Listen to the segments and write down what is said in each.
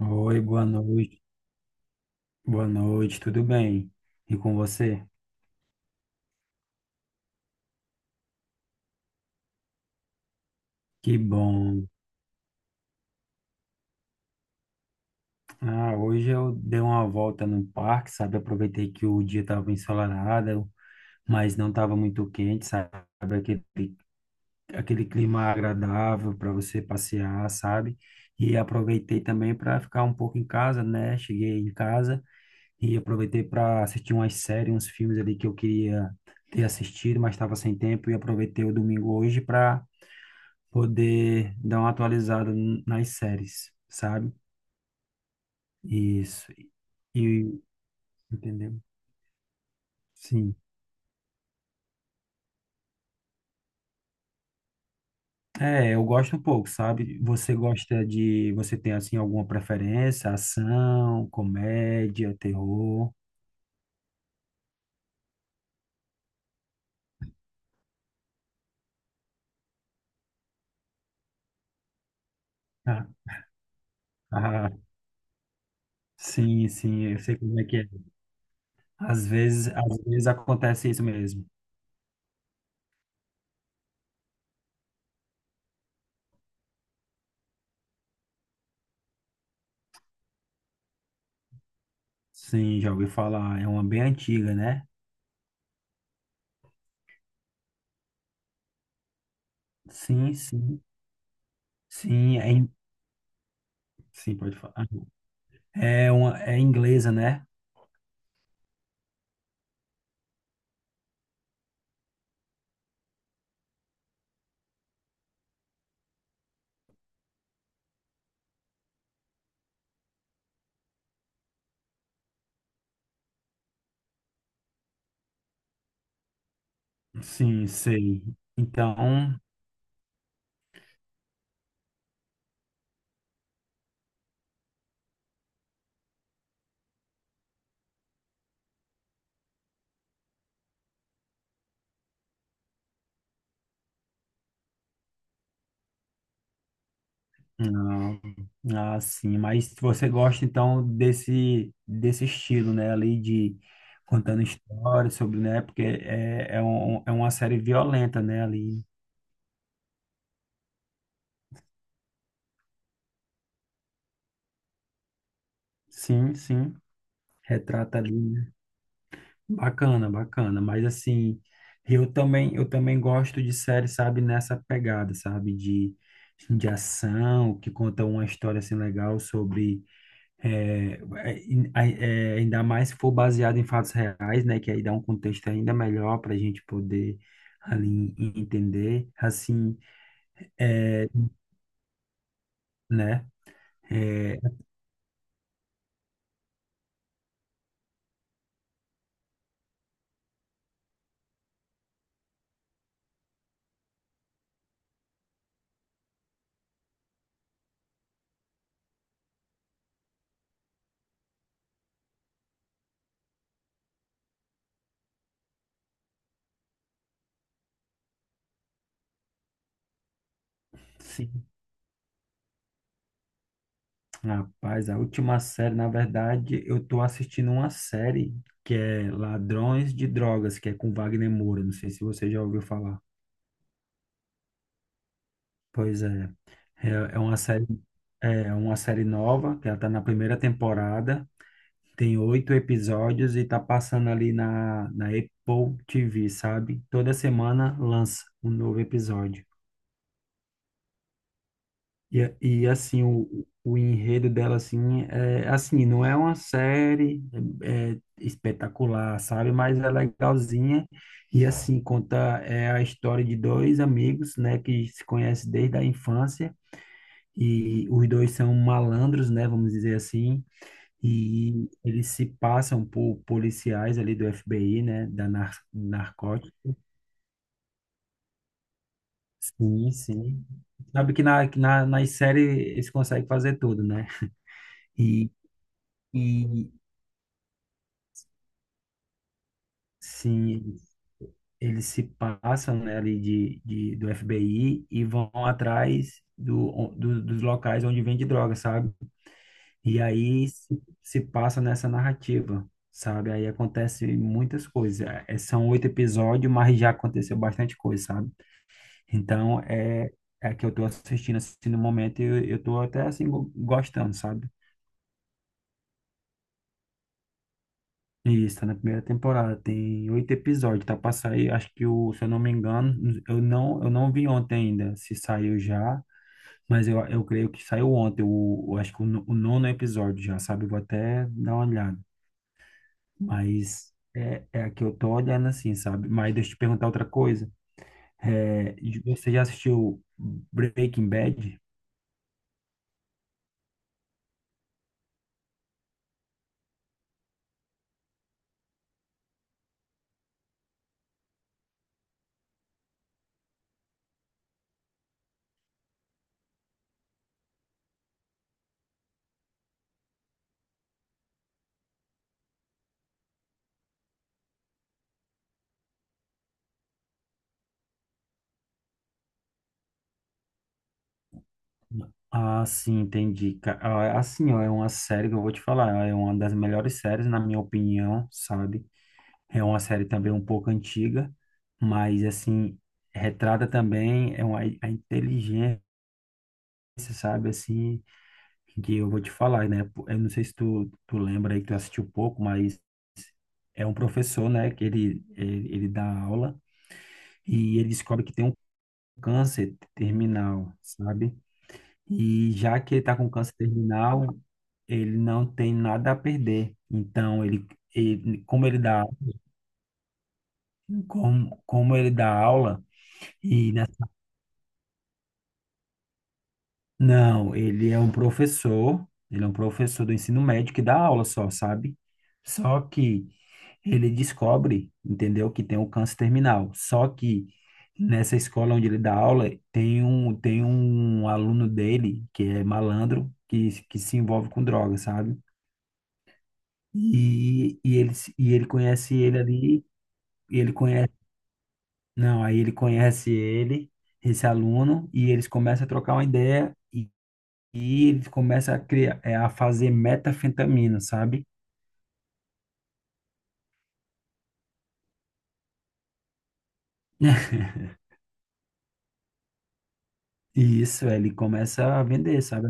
Oi, boa noite. Boa noite, tudo bem? E com você? Que bom. Hoje eu dei uma volta no parque, sabe? Aproveitei que o dia estava ensolarado, mas não estava muito quente, sabe? Aquele, Aquele clima agradável para você passear, sabe? E aproveitei também para ficar um pouco em casa, né? Cheguei em casa e aproveitei para assistir umas séries, uns filmes ali que eu queria ter assistido, mas estava sem tempo e aproveitei o domingo hoje para poder dar uma atualizada nas séries, sabe? Isso. E entendeu? Sim. É, eu gosto um pouco, sabe? Você gosta de, você tem assim alguma preferência? Ação, comédia, terror? Ah, ah, sim, sim, eu sei como é que é. Às vezes acontece isso mesmo. Sim, já ouvi falar, é uma bem antiga, né? Sim, sim. Sim, é, sim, pode falar. É uma, é inglesa, né? Sim, sei. Então, sim, mas você gosta então desse estilo, né, ali de contando histórias sobre, né, porque é, é, é uma série violenta, né, ali. Sim, sim, retrata ali, né? Bacana, bacana, mas assim, eu também gosto de série, sabe, nessa pegada, sabe, de ação, que conta uma história assim legal sobre. É, Ainda mais se for baseado em fatos reais, né? Que aí dá um contexto ainda melhor para a gente poder ali entender, assim, né? É, sim, rapaz, a última série, na verdade, eu tô assistindo uma série que é Ladrões de Drogas, que é com Wagner Moura. Não sei se você já ouviu falar. Pois é, é, é uma série nova, que ela tá na primeira temporada. Tem oito episódios e tá passando ali na Apple TV, sabe? Toda semana lança um novo episódio. E, e assim, o enredo dela, assim, é assim, não é uma série é, é espetacular, sabe? Mas é legalzinha. E assim, conta é a história de dois amigos, né, que se conhecem desde a infância. E os dois são malandros, né, vamos dizer assim. E eles se passam por policiais ali do FBI, né? Da narcótica. Sim, sim. Sabe que nas séries eles conseguem fazer tudo, né? E, e sim, eles se passam, né, ali do FBI e vão atrás dos locais onde vende droga, sabe? E aí se passa nessa narrativa, sabe? Aí acontece muitas coisas. É, são oito episódios, mas já aconteceu bastante coisa, sabe? Então, é, é que eu tô assistindo assim no momento e eu tô até assim gostando, sabe? E isso, tá na primeira temporada, tem oito episódios, tá pra sair, acho que o, se eu não me engano, eu não vi ontem ainda se saiu já, mas eu creio que saiu ontem, o, eu acho que o, o nono episódio já, sabe? Eu vou até dar uma olhada, mas é, é a que eu tô olhando assim, sabe? Mas deixa eu te perguntar outra coisa, é, você já assistiu Breaking Bad? Ah, sim, entendi. É assim, ó, é uma série que eu vou te falar, é uma das melhores séries, na minha opinião, sabe? É uma série também um pouco antiga, mas, assim, retrata também é uma, a inteligência, sabe? Assim, que eu vou te falar, né? Pô, eu não sei se tu, tu lembra aí que tu assistiu pouco, mas é um professor, né? Que ele, ele dá aula e ele descobre que tem um câncer terminal, sabe? E já que ele tá com câncer terminal, ele não tem nada a perder. Então, ele como ele dá, como, como ele dá aula, e na- não, ele é um professor, ele é um professor do ensino médio que dá aula só, sabe? Só que ele descobre, entendeu, que tem um câncer terminal. Só que nessa escola onde ele dá aula, tem um aluno dele que é malandro, que se envolve com droga, sabe? E, ele, se- e ele conhece ele ali, e ele conhece. Não, aí ele conhece ele, esse aluno, e eles começam a trocar uma ideia e ele começa a criar, é, a fazer metanfetamina, sabe? E isso, ele começa a vender, sabe?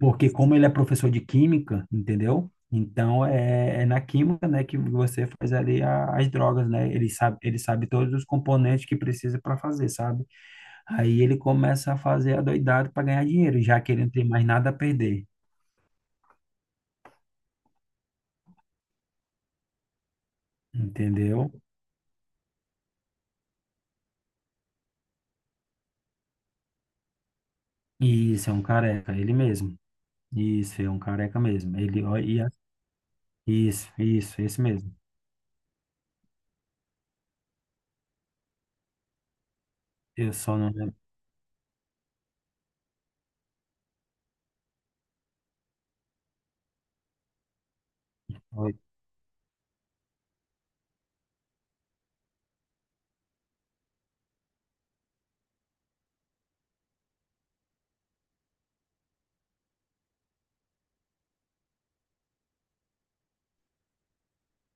Porque como ele é professor de química, entendeu? Então é, é na química, né, que você faz ali as drogas, né? Ele sabe todos os componentes que precisa para fazer, sabe? Aí ele começa a fazer a doidada para ganhar dinheiro, já que ele não tem mais nada a perder, entendeu? Isso, é um careca, ele mesmo. Isso, é um careca mesmo. Ele, ó, isso, isso, esse mesmo. Eu só não lembro.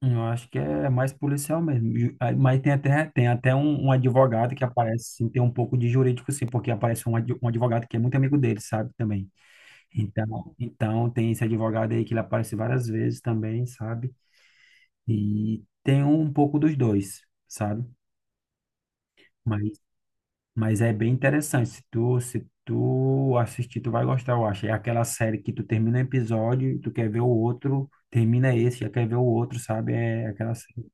Eu acho que é mais policial mesmo. Mas tem até um, um advogado que aparece, assim, tem um pouco de jurídico, sim, porque aparece um, um advogado que é muito amigo dele, sabe, também. Então, então tem esse advogado aí que ele aparece várias vezes também, sabe? E tem um pouco dos dois, sabe? Mas é bem interessante. Se tu, se tu assistir, tu vai gostar, eu acho. É aquela série que tu termina um episódio e tu quer ver o outro, termina esse, já quer ver o outro, sabe? É aquela série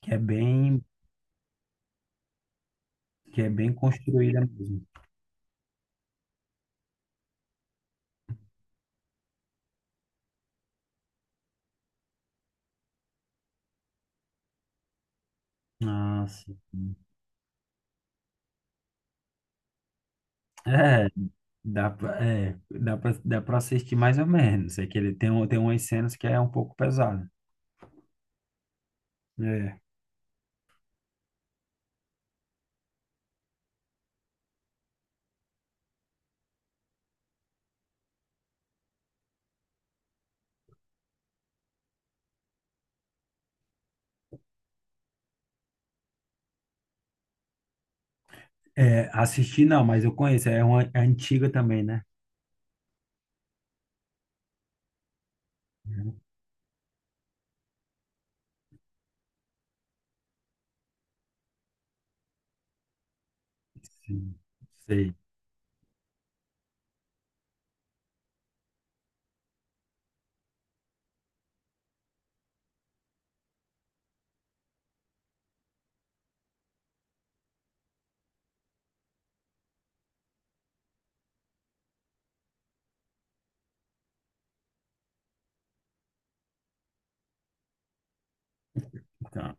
que é bem, que é bem construída mesmo. Ah, sim. É, dá pra assistir mais ou menos. É que ele tem, tem umas cenas que é um pouco pesada. É, é, assistir não, mas eu conheço. É uma é antiga também, né? Sim, sei. Então.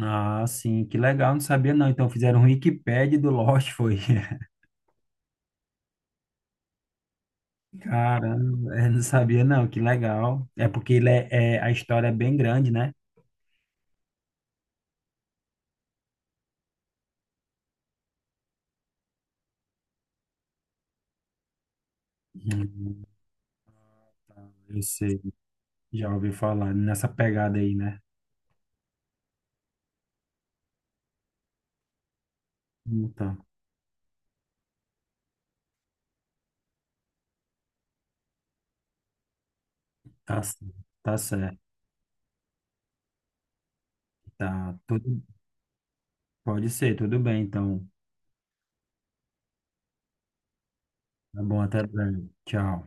Ah, sim, que legal, não sabia não. Então fizeram um Wikipédia do Lost, foi. Caramba, é, não sabia não, que legal. É porque ele é, a história é bem grande, né? Hum, tá, eu sei, já ouvi falar nessa pegada aí, né? Então, tá, c- tá certo, tá. Tudo, pode ser, tudo bem, então. Tá bom, até breve. Tchau.